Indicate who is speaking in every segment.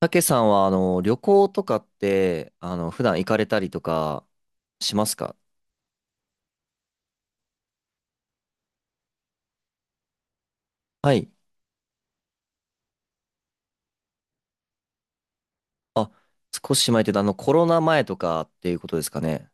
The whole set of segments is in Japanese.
Speaker 1: たけさんは、旅行とかって、普段行かれたりとかしますか？はい。あ、少し前って言うと、コロナ前とかっていうことですかね。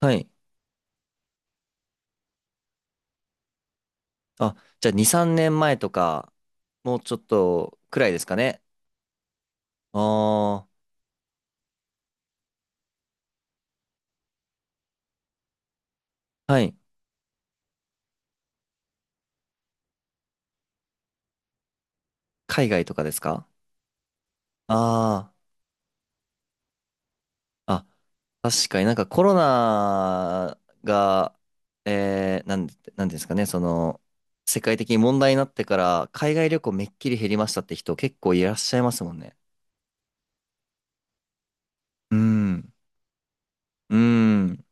Speaker 1: はい。あ、じゃあ2、3年前とか、もうちょっとくらいですかね。ああ、はい。海外とかですか？ああー、あ、確かになんかコロナが、えー、なん、なんですかね、その、世界的に問題になってから、海外旅行めっきり減りましたって人結構いらっしゃいますもんね。うん。うん。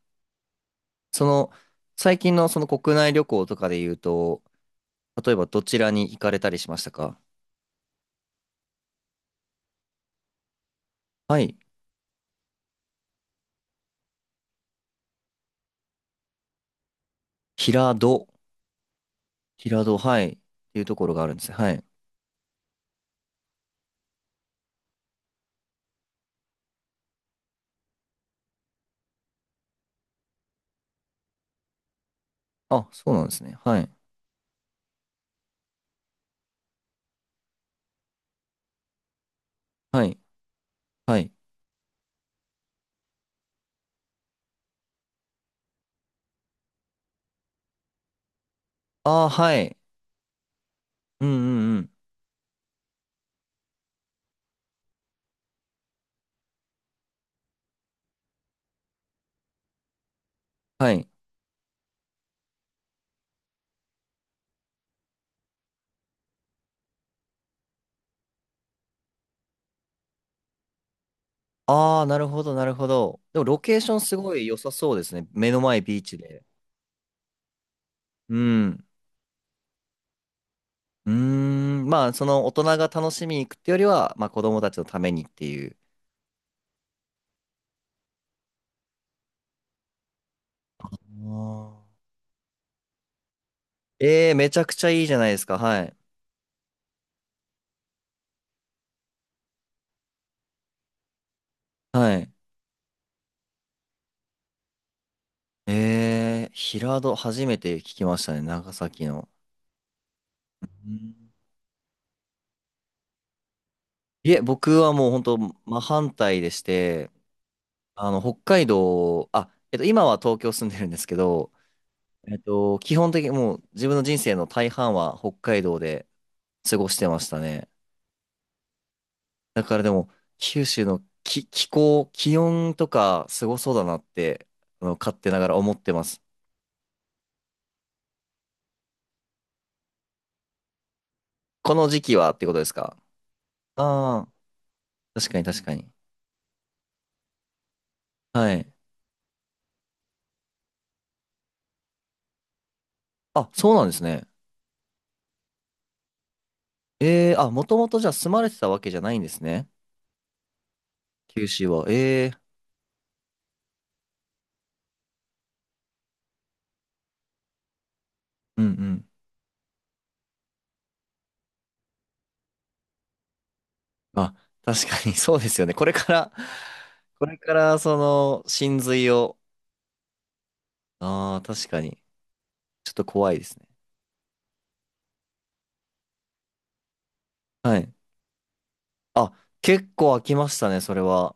Speaker 1: その、最近のその国内旅行とかで言うと、例えばどちらに行かれたりしましたか？はい。平戸。平戸、はい。っていうところがあるんですね。はい。あ、そうなんですね。はい。はい。はい。ああ、はい。うんうんうん。はい。ああ、なるほど、なるほど。でも、ロケーションすごい良さそうですね。目の前ビーチで。うん。うーん。まあ、その大人が楽しみに行くってよりは、まあ、子供たちのためにっていう。あ、えー、めちゃくちゃいいじゃないですか。はい。はい。ええー、平戸、初めて聞きましたね。長崎の。うん、いえ、僕はもう本当、真反対でして、北海道、今は東京住んでるんですけど、えっと、基本的にもう自分の人生の大半は北海道で過ごしてましたね。だからでも、九州の気候、気温とかすごそうだなって、勝手ながら思ってます。この時期はってことですか？ああー、確かに確かに。はい。あ、そうなんですね。ええ、あ、もともとじゃあ住まれてたわけじゃないんですね。九州は。ええ、うんうん。あ、確かにそうですよね。これから、これからその、真髄を、ああ、確かに。ちょっと怖いですね。はい。あ、結構飽きましたね、それは。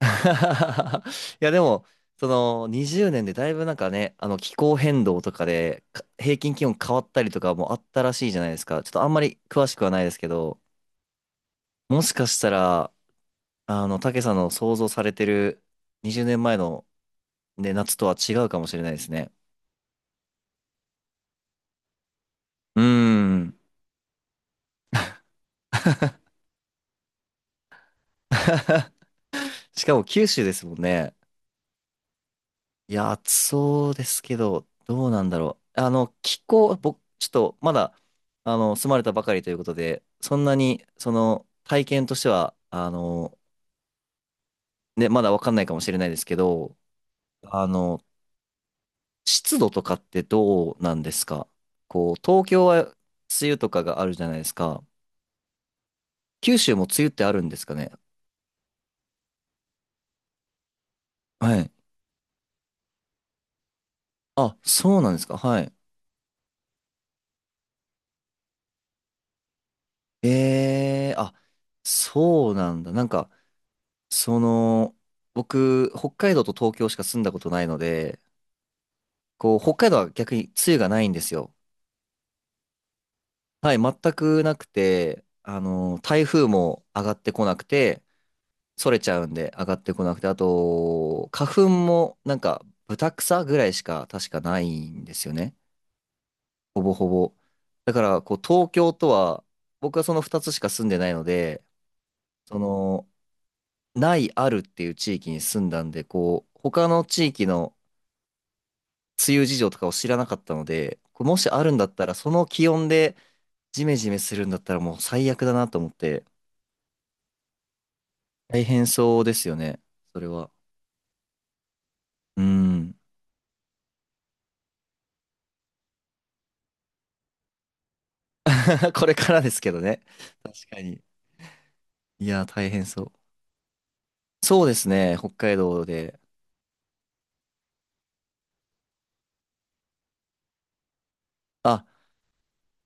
Speaker 1: いや、でも、その20年でだいぶなんかね、あの気候変動とかでか平均気温変わったりとかもあったらしいじゃないですか。ちょっとあんまり詳しくはないですけど、もしかしたら、竹さんの想像されてる20年前のね、夏とは違うかもしれないですね。うーん。しかも九州ですもんね。いや、暑そうですけど、どうなんだろう。気候、僕、ちょっとまだ、住まれたばかりということで、そんなに、その、体験としては、ね、まだわかんないかもしれないですけど、あの、湿度とかってどうなんですか？こう、東京は梅雨とかがあるじゃないですか。九州も梅雨ってあるんですかね？はい。あ、そうなんですか。はい。えー、あ、そうなんだ。なんか、その、僕、北海道と東京しか住んだことないので、こう、北海道は逆に梅雨がないんですよ。はい、全くなくて、台風も上がってこなくて、それちゃうんで上がってこなくて、あと、花粉もなんか、豚草ぐらいしか確かないんですよね。ほぼほぼ。だから、こう、東京とは、僕はその2つしか住んでないので、その、ないあるっていう地域に住んだんで、こう、他の地域の梅雨事情とかを知らなかったので、これもしあるんだったら、その気温でジメジメするんだったらもう最悪だなと思って、大変そうですよね。それは。うん。これからですけどね。確かに。いや、大変そう。そうですね、北海道で。あ、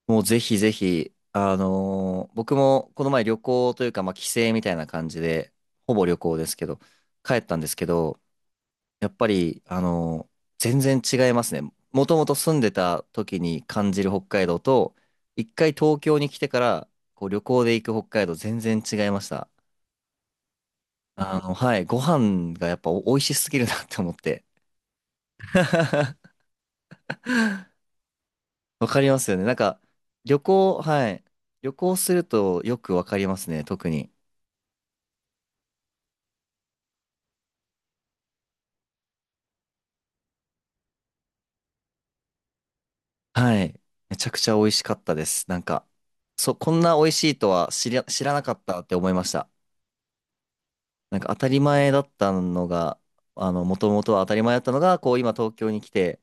Speaker 1: もうぜひぜひ、あのー僕もこの前旅行というか、まあ帰省みたいな感じで、ほぼ旅行ですけど、帰ったんですけど、やっぱり、全然違いますね。もともと住んでた時に感じる北海道と、一回東京に来てから、こう旅行で行く北海道全然違いました。はい、ご飯がやっぱお美味しすぎるなって思って。わかりますよね。なんか、旅行、はい。旅行するとよくわかりますね、特に。はい。めちゃくちゃ美味しかったです。なんか、こんな美味しいとは知りゃ、知らなかったって思いました。なんか当たり前だったのが、もともとは当たり前だったのが、こう今東京に来て、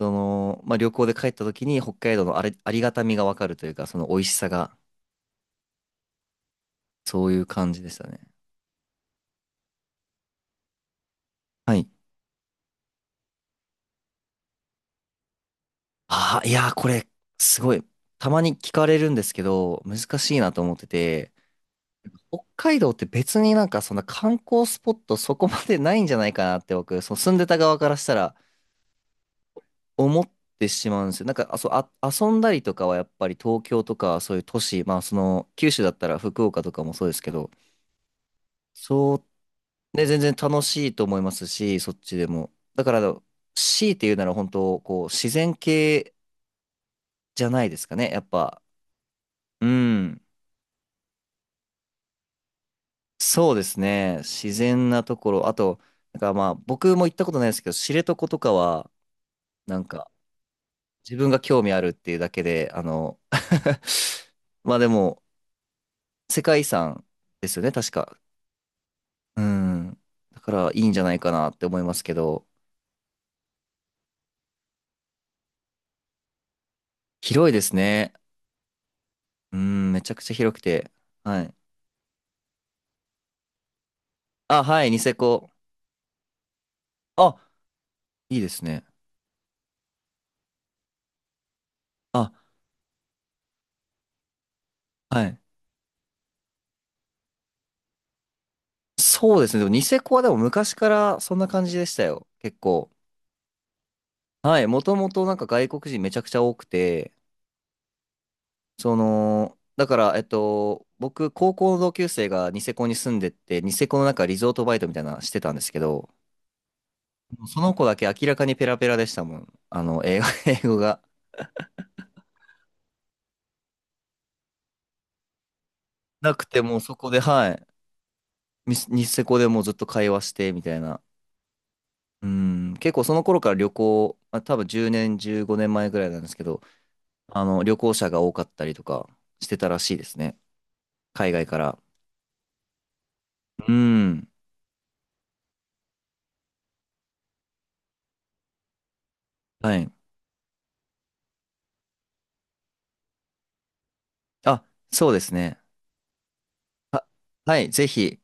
Speaker 1: その、まあ、旅行で帰った時に北海道のあれ、ありがたみがわかるというか、その美味しさが、そういう感じでしたね。はい。ああ、いやー、これ、すごい。たまに聞かれるんですけど、難しいなと思ってて、北海道って別になんかそんな観光スポットそこまでないんじゃないかなって僕、その住んでた側からしたら思ってしまうんですよ。なんか、あ、遊んだりとかはやっぱり東京とかそういう都市、まあその九州だったら福岡とかもそうですけど、そね、全然楽しいと思いますし、そっちでも。だから、強いて言うなら本当、こう、自然系じゃないですかね、やっぱ。うん。そうですね。自然なところ。あと、なんかまあ僕も行ったことないですけど、知床とかは、なんか自分が興味あるっていうだけで、あの まあでも、世界遺産ですよね、確か。うん。だからいいんじゃないかなって思いますけど、広いですね。うん、めちゃくちゃ広くて。はい。あ、はい、ニセコ。あ、いいですね。あ、はい。そうですね。でもニセコはでも昔からそんな感じでしたよ。結構。はい。もともとなんか外国人めちゃくちゃ多くて、その、だから、えっと、僕、高校の同級生がニセコに住んでて、ニセコのなんかリゾートバイトみたいなのしてたんですけど、その子だけ明らかにペラペラでしたもん。英語、英語が。なくてもうそこで、はい。ミス子セコでもうずっと会話して、みたいな。うん。結構その頃から旅行、あ、多分10年、15年前ぐらいなんですけど、旅行者が多かったりとかしてたらしいですね。海外から。うん。はい。あ、そうですね。あ、はい。ぜひ。